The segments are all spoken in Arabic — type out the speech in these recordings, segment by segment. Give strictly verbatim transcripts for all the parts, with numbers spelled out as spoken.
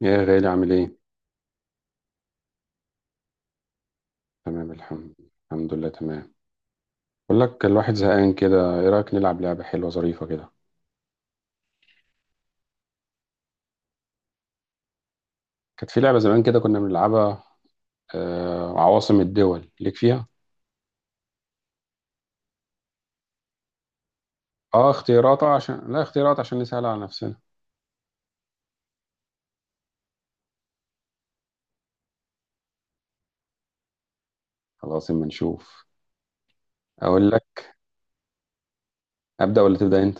يا غالي، عامل ايه؟ تمام الحمد الحمد لله تمام. بقول لك الواحد زهقان كده، ايه رأيك نلعب لعبة حلوة ظريفة كده؟ كانت في لعبة زمان كده كنا بنلعبها، آه عواصم الدول، ليك فيها؟ اه، اختيارات. آه، عشان لا اختيارات، عشان نسهل على نفسنا. خلاص اما نشوف. اقول لك، ابدأ ولا تبدأ انت؟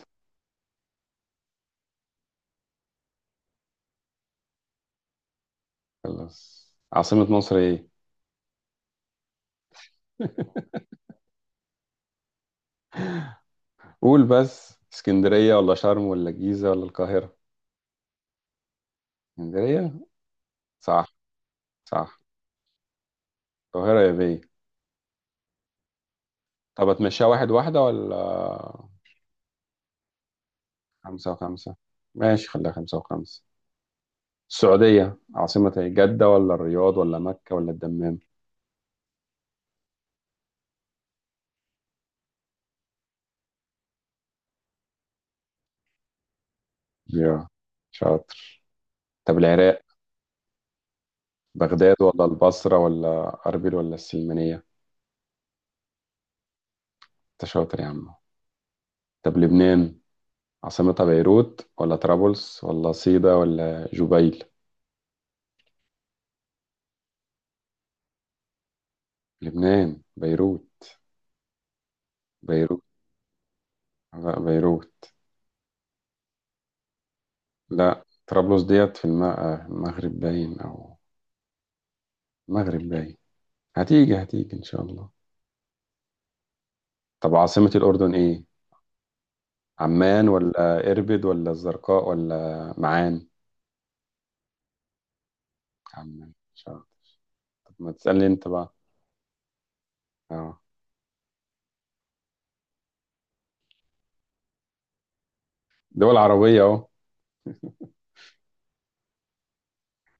خلاص، عاصمة مصر ايه؟ قول بس، اسكندرية ولا شرم ولا الجيزة ولا القاهرة؟ اسكندرية؟ صح، صح. القاهرة يا بيه. طب اتمشيها واحد واحدة، ولا خمسة وخمسة؟ ماشي، خليها خمسة وخمسة. السعودية عاصمة إيه؟ جدة ولا الرياض ولا مكة ولا الدمام؟ يا شاطر. طب العراق، بغداد ولا البصرة ولا أربيل ولا السلمانية؟ أنت شاطر يا عم. طب لبنان، عاصمتها بيروت ولا طرابلس ولا صيدا ولا جبيل؟ لبنان بيروت. بيروت، لا بيروت. لا، طرابلس ديت في الم- آه، المغرب باين، أو المغرب باين. هتيجي هتيجي إن شاء الله. طب عاصمة الأردن إيه؟ عمان ولا إربد ولا الزرقاء ولا معان؟ عمان. مش عارف. طب ما تسألني أنت بقى. أه. دول عربية أهو.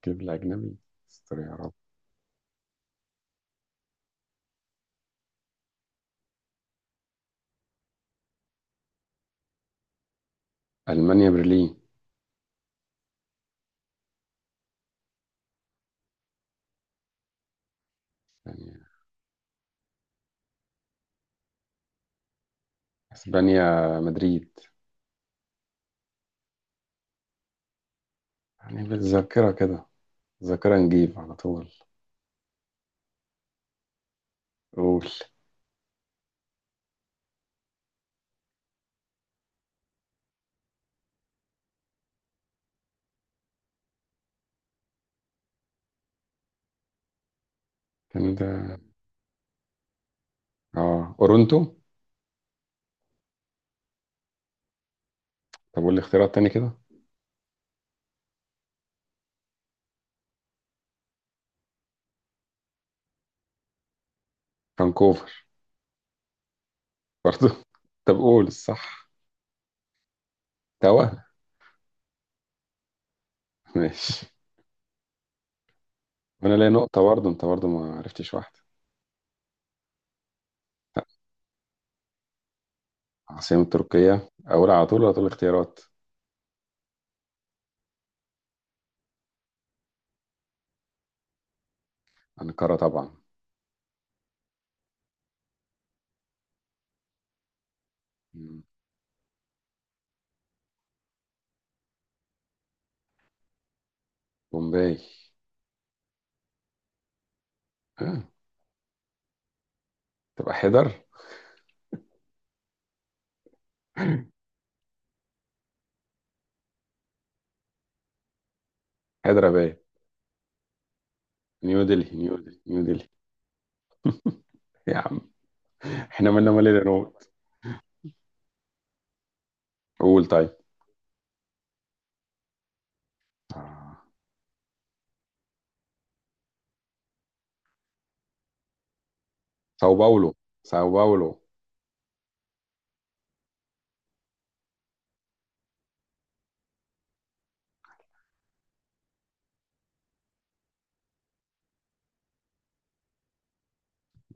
جيب لي أجنبي. استر يا رب. ألمانيا برلين. يعني. إسبانيا مدريد. يعني بالذاكرة كده، ذاكرة نجيب على طول. قول. كان ده، أه أورونتو. طب قول لي اختيارات تاني كده. فانكوفر. برضه. طب قول الصح. توا. ماشي. وأنا ليا نقطة برضه، أنت برضه ما عرفتش واحدة. عاصمة تركيا، أقول على طول ولا تقول اختيارات؟ أنقرة طبعا. مم. بومباي. ها؟ تبقى حيدر. حيدر أباد. نيو دلهي، نيو دلهي، نيو دلهي. يا عم، احنا مالنا مال العراق. قول طيب. آه. ساو باولو، ساو باولو.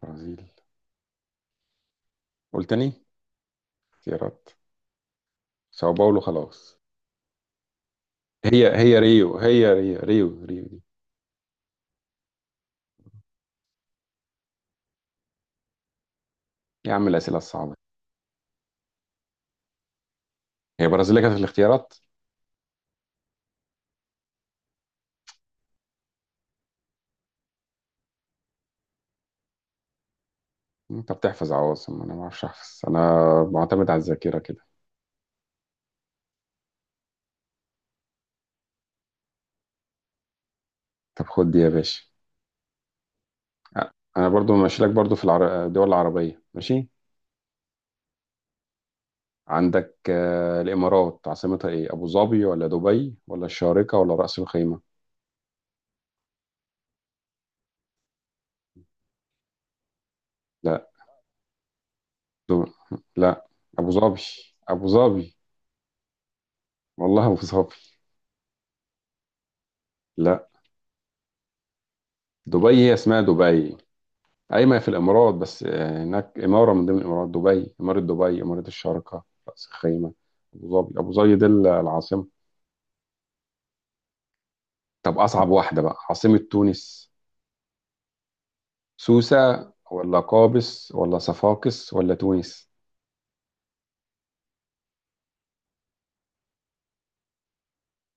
برازيل. قول تاني، اختيارات. ساو باولو خلاص. هي هي ريو، هي ريو، ريو ريو دي. يا عم، الأسئلة الصعبة. هي برازيل اللي كانت في الاختيارات. انت بتحفظ عواصم، انا ما اعرفش احفظ. انا معتمد على الذاكرة كده. طب خد دي يا باشا. انا برضو ماشي لك، برضو في العر... الدول العربيه ماشي. عندك، آه، الامارات عاصمتها ايه؟ ابو ظبي ولا دبي ولا الشارقه ولا راس الخيمه؟ لا. دو... لا ابو ظبي. ابو ظبي. والله ابو ظبي. لا، دبي هي اسمها دبي. اي ما هي في الامارات، بس آه، هناك اماره من ضمن الامارات، دبي اماره، دبي اماره، الشارقه، راس الخيمه. ابو ظبي، ابو ظبي دي العاصمه. طب اصعب واحده بقى، عاصمه تونس. سوسه ولا قابس ولا صفاقس ولا تونس؟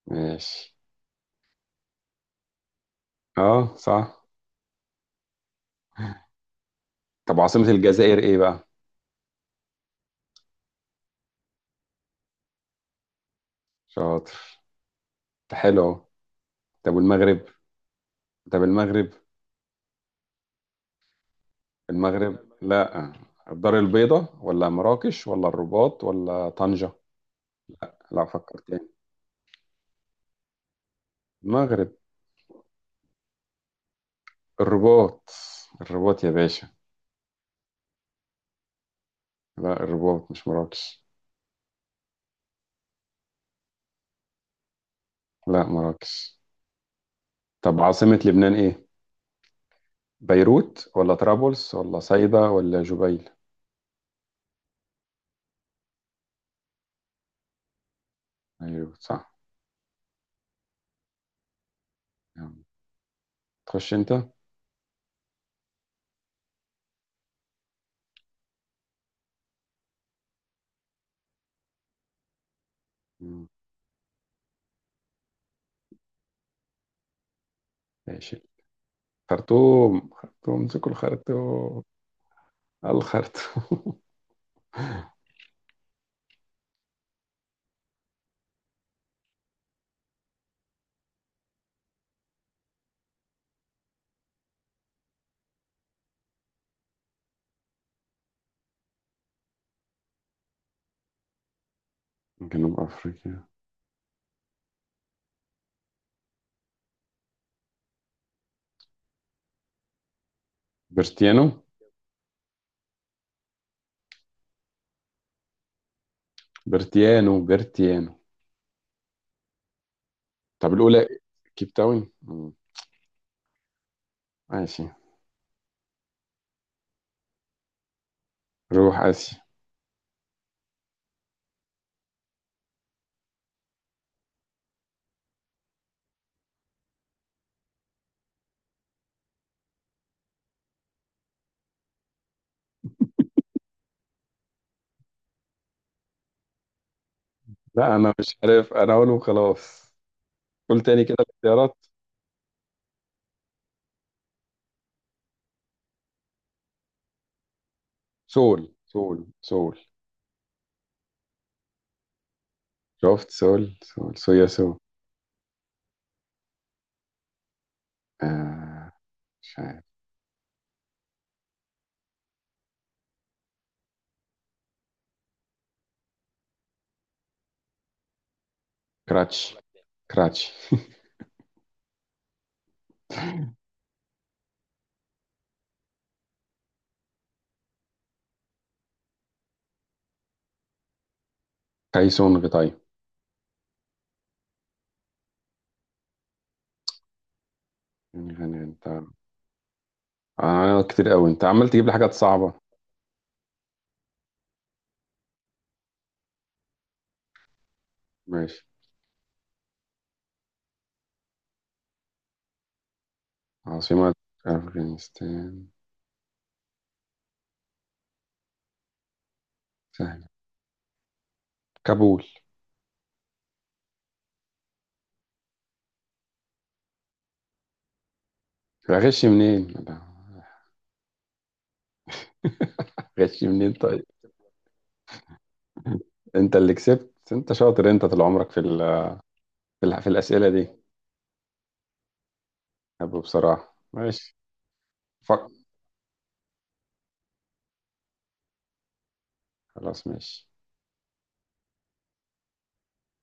ماشي. اه صح. طب عاصمة الجزائر ايه بقى؟ شاطر. حلو أهو. طب والمغرب. طب المغرب. المغرب لا، الدار البيضاء ولا مراكش ولا الرباط ولا طنجة؟ لا، فكر تاني. المغرب الرباط. الرباط يا باشا. لا، الرباط مش مراكش. لا مراكش. طب عاصمة لبنان ايه؟ بيروت ولا طرابلس ولا صيدا ولا جبيل؟ بيروت صح. يلا. تخش انت. مم. ماشي. خرطوم، خرطوم، امسكوا الخرطوم. الخرطوم. جنوب افريقيا. برتيانو، برتيانو، برتيانو. طب الاولى كيب تاون. مم. ماشي. روح اسيا. لا انا مش عارف، انا اقول وخلاص. قول تاني كده الاختيارات. سول، سول، سول. شفت؟ سول سول صويا سو. آه. مش عارف. كراتش، كراتش. كايسون غطاي. غني غني انت. انا كتير قوي، انت عمال تجيب لي حاجات صعبة. ماشي. عاصمة أفغانستان. سهلة. كابول. غش منين؟ غش منين طيب. انت اللي كسبت. انت شاطر. انت طول عمرك في ال... في, ال... في, الأسئلة دي. أبو بصراحة، ماشي. فك. خلاص ماشي.